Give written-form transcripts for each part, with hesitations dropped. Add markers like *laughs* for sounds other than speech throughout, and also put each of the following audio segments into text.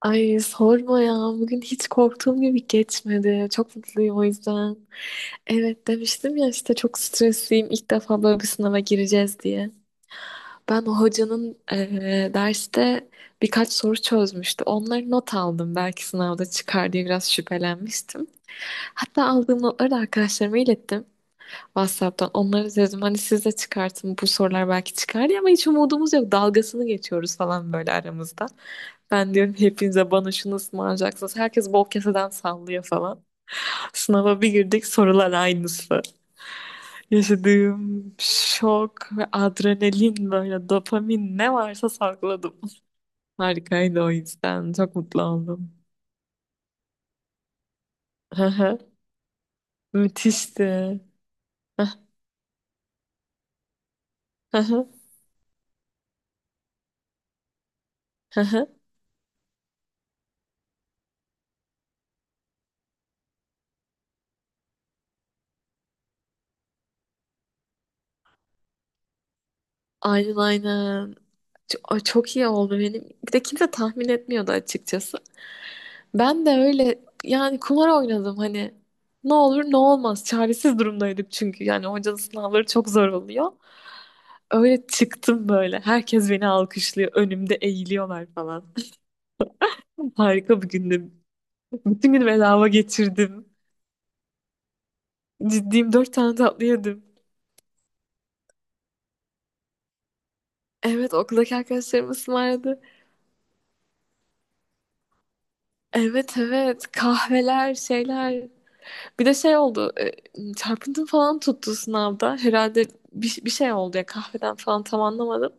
Ay sorma ya. Bugün hiç korktuğum gibi geçmedi. Çok mutluyum o yüzden. Evet demiştim ya işte çok stresliyim. İlk defa böyle bir sınava gireceğiz diye. Ben o hocanın derste birkaç soru çözmüştü. Onları not aldım. Belki sınavda çıkar diye biraz şüphelenmiştim. Hatta aldığım notları da arkadaşlarıma ilettim. WhatsApp'tan onları dedim, hani siz de çıkartın bu sorular belki çıkar diye, ama hiç umudumuz yok, dalgasını geçiyoruz falan böyle aramızda. Ben diyorum hepinize bana şunu ısmarlayacaksınız. Herkes bol keseden sallıyor falan. Sınava bir girdik, sorular aynısı. Yaşadığım şok ve adrenalin, böyle dopamin ne varsa sakladım. *laughs* Harikaydı, o yüzden çok mutlu oldum. Hı hı. Müthişti. Hı hı hı hı. Aynen aynen. Ay çok iyi oldu benim. Bir de kimse tahmin etmiyordu açıkçası. Ben de öyle, yani kumar oynadım hani. Ne olur ne olmaz. Çaresiz durumdaydık çünkü. Yani hocanın sınavları çok zor oluyor. Öyle çıktım böyle. Herkes beni alkışlıyor. Önümde eğiliyorlar falan. *laughs* Harika bir gündü. Bütün gün bedava geçirdim. Ciddiyim, dört tane tatlı yedim. Evet, okuldaki arkadaşlarım ısmarladı. Evet evet, kahveler şeyler. Bir de şey oldu. Çarpıntım falan tuttu sınavda. Herhalde bir şey oldu ya, kahveden falan tam anlamadım.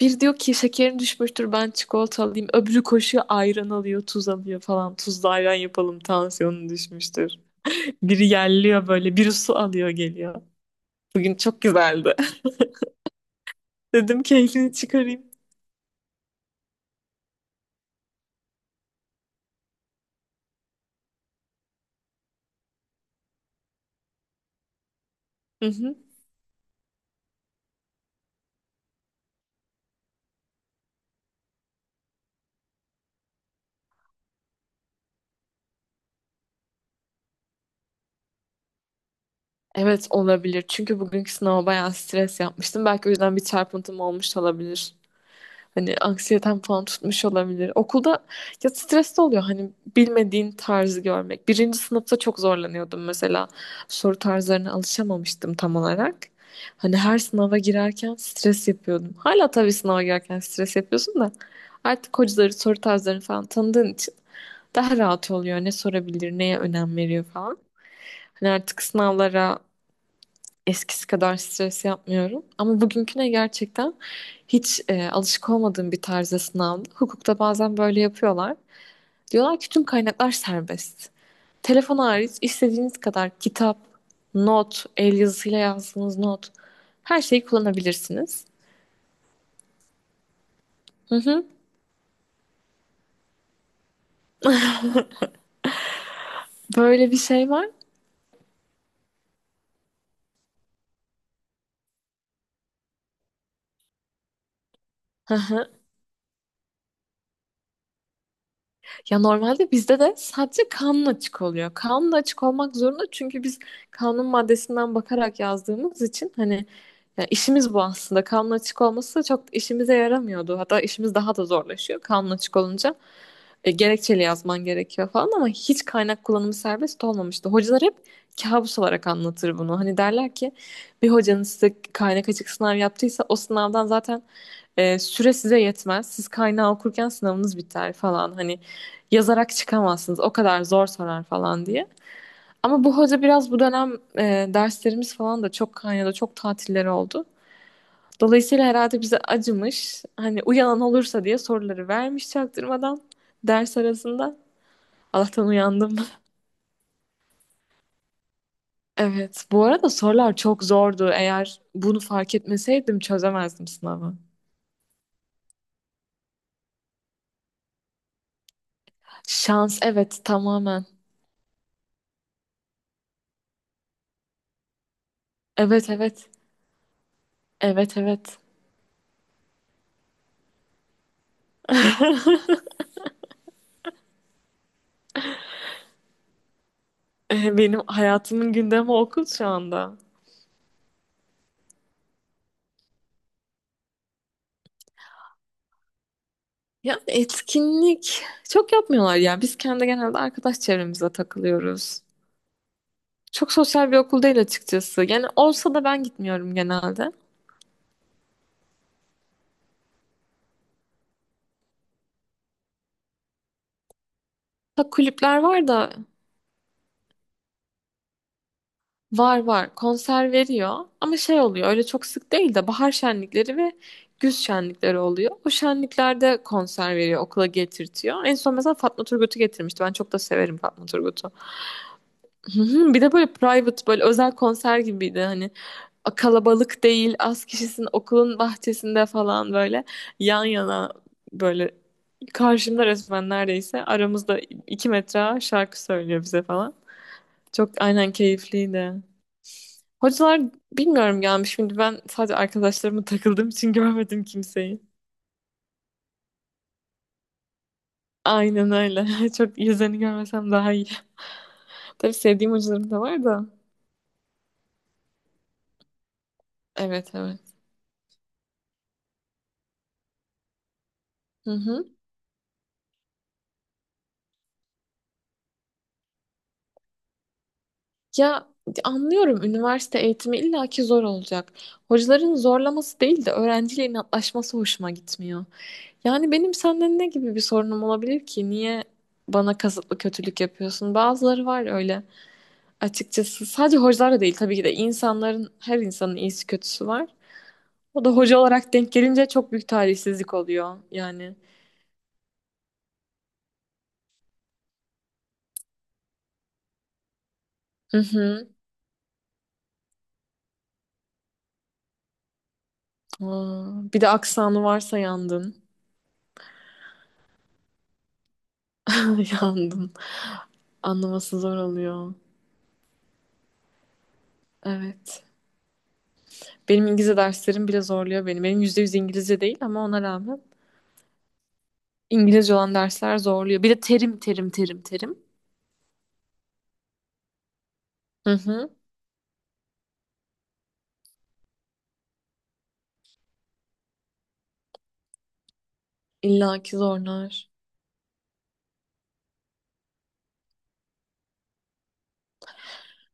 Bir diyor ki şekerin düşmüştür, ben çikolata alayım. Öbürü koşuyor, ayran alıyor, tuz alıyor falan. Tuzlu ayran yapalım, tansiyonun düşmüştür. Biri yerliyor böyle, biri su alıyor geliyor. Bugün çok güzeldi. *laughs* Dedim keyfini çıkarayım. Hı hı. Evet, olabilir. Çünkü bugünkü sınava bayağı stres yapmıştım. Belki o yüzden bir çarpıntım olmuş olabilir. Hani anksiyeten falan tutmuş olabilir. Okulda ya stres de oluyor hani bilmediğin tarzı görmek. Birinci sınıfta çok zorlanıyordum mesela. Soru tarzlarına alışamamıştım tam olarak. Hani her sınava girerken stres yapıyordum. Hala tabii sınava girerken stres yapıyorsun da artık hocaları, soru tarzlarını falan tanıdığın için daha rahat oluyor. Ne sorabilir, neye önem veriyor falan. Hani artık sınavlara eskisi kadar stres yapmıyorum. Ama bugünküne gerçekten hiç alışık olmadığım bir tarzda sınavdı. Hukukta bazen böyle yapıyorlar. Diyorlar ki tüm kaynaklar serbest. Telefon hariç istediğiniz kadar kitap, not, el yazısıyla yazdığınız not, her şeyi kullanabilirsiniz. Hı hı. Böyle bir şey var. Hı hı. Ya normalde bizde de sadece kanun açık oluyor. Kanun açık olmak zorunda, çünkü biz kanun maddesinden bakarak yazdığımız için hani, ya işimiz bu aslında. Kanun açık olması çok işimize yaramıyordu. Hatta işimiz daha da zorlaşıyor kanun açık olunca. Gerekçeli yazman gerekiyor falan, ama hiç kaynak kullanımı serbest olmamıştı. Hocalar hep kabus olarak anlatır bunu. Hani derler ki bir hocanız size kaynak açık sınav yaptıysa o sınavdan zaten süre size yetmez. Siz kaynağı okurken sınavınız biter falan. Hani yazarak çıkamazsınız. O kadar zor sorar falan diye. Ama bu hoca biraz, bu dönem derslerimiz falan da çok kaynadı, çok tatilleri oldu. Dolayısıyla herhalde bize acımış. Hani uyanan olursa diye soruları vermiş çaktırmadan ders arasında. Allah'tan uyandım. *laughs* Evet, bu arada sorular çok zordu. Eğer bunu fark etmeseydim çözemezdim sınavı. Şans, evet, tamamen. Evet evet. Evet evet. *laughs* Benim hayatımın gündemi okul şu anda. Ya etkinlik çok yapmıyorlar ya. Biz kendi genelde arkadaş çevremize takılıyoruz. Çok sosyal bir okul değil açıkçası. Yani olsa da ben gitmiyorum genelde. Ha, kulüpler var da, var var, konser veriyor ama şey oluyor, öyle çok sık değil de bahar şenlikleri ve güz şenlikleri oluyor. O şenliklerde konser veriyor, okula getirtiyor. En son mesela Fatma Turgut'u getirmişti. Ben çok da severim Fatma Turgut'u. Hı hı. Bir de böyle private, böyle özel konser gibiydi hani. Kalabalık değil, az kişisin, okulun bahçesinde falan böyle yan yana, böyle karşımda resmen, neredeyse aramızda 2 metre şarkı söylüyor bize falan. Çok aynen keyifliydi. Hocalar bilmiyorum gelmiş, şimdi ben sadece arkadaşlarıma takıldığım için *laughs* görmedim kimseyi. Aynen öyle. *laughs* Çok yüzlerini görmesem daha iyi. Tabii sevdiğim hocalarım da var da. Evet evet. Hı hı. Ya, anlıyorum, üniversite eğitimi illaki zor olacak. Hocaların zorlaması değil de öğrenciyle inatlaşması hoşuma gitmiyor. Yani benim senden ne gibi bir sorunum olabilir ki? Niye bana kasıtlı kötülük yapıyorsun? Bazıları var öyle. Açıkçası sadece hocalar da değil tabii ki de, insanların, her insanın iyisi kötüsü var. O da hoca olarak denk gelince çok büyük talihsizlik oluyor yani. Hı hı. Aa, bir de aksanı varsa yandın. *laughs* Yandın. Anlaması zor oluyor. Evet. Benim İngilizce derslerim bile zorluyor beni. Benim %100 İngilizce değil ama ona rağmen İngilizce olan dersler zorluyor. Bir de terim terim terim terim. Hı hı. İlla ki zorlar.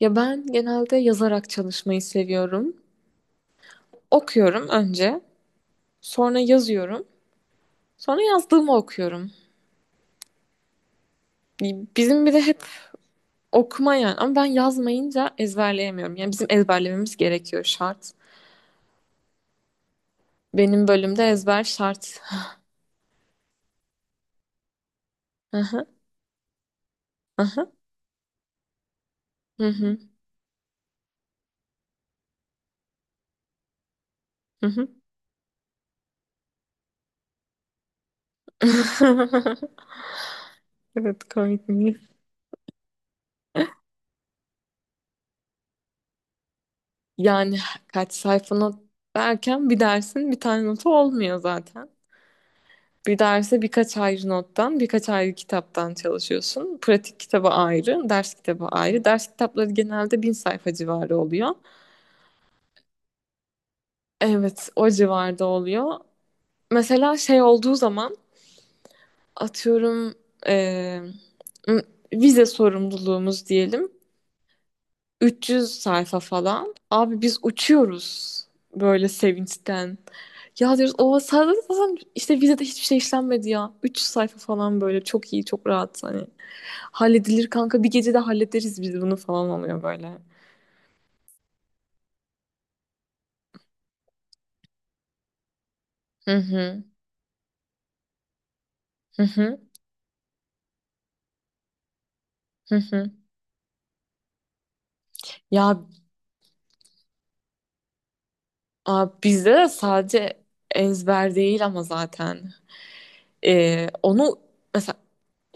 Ya ben genelde yazarak çalışmayı seviyorum. Okuyorum önce, sonra yazıyorum, sonra yazdığımı okuyorum. Bizim bir de hep okuma yani, ama ben yazmayınca ezberleyemiyorum. Yani bizim ezberlememiz gerekiyor, şart. Benim bölümde ezber şart. Hı hı. Hı hı hı. Hı *laughs* hı. Evet, komik mi? Yani kaç sayfa not derken, bir dersin bir tane notu olmuyor zaten. Bir derse birkaç ayrı nottan, birkaç ayrı kitaptan çalışıyorsun. Pratik kitabı ayrı, ders kitabı ayrı. Ders kitapları genelde 1.000 sayfa civarı oluyor. Evet, o civarda oluyor. Mesela şey olduğu zaman atıyorum eee, m- vize sorumluluğumuz diyelim. 300 sayfa falan. Abi biz uçuyoruz böyle sevinçten. Ya diyoruz, o sadece zaten, işte vizede hiçbir şey işlenmedi ya. 300 sayfa falan, böyle çok iyi, çok rahat hani. Halledilir kanka, bir gecede hallederiz biz bunu falan oluyor böyle. Hı hı hı hı hı. Hı. Ya abi, bizde de sadece ezber değil ama zaten. Onu mesela,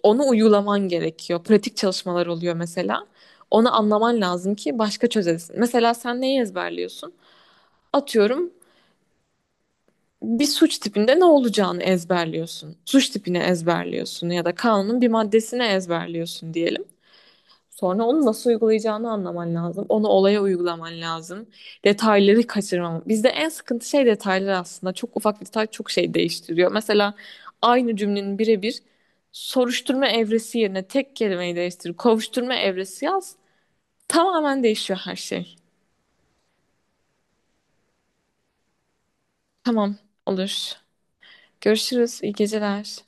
onu uygulaman gerekiyor. Pratik çalışmalar oluyor mesela. Onu anlaman lazım ki başka çözesin. Mesela sen neyi ezberliyorsun? Atıyorum bir suç tipinde ne olacağını ezberliyorsun. Suç tipini ezberliyorsun ya da kanunun bir maddesini ezberliyorsun diyelim. Sonra onu nasıl uygulayacağını anlaman lazım. Onu olaya uygulaman lazım. Detayları kaçırmam. Bizde en sıkıntı şey detaylar aslında. Çok ufak bir detay çok şey değiştiriyor. Mesela aynı cümlenin birebir soruşturma evresi yerine tek kelimeyi değiştir. Kovuşturma evresi yaz. Tamamen değişiyor her şey. Tamam, olur. Görüşürüz. İyi geceler.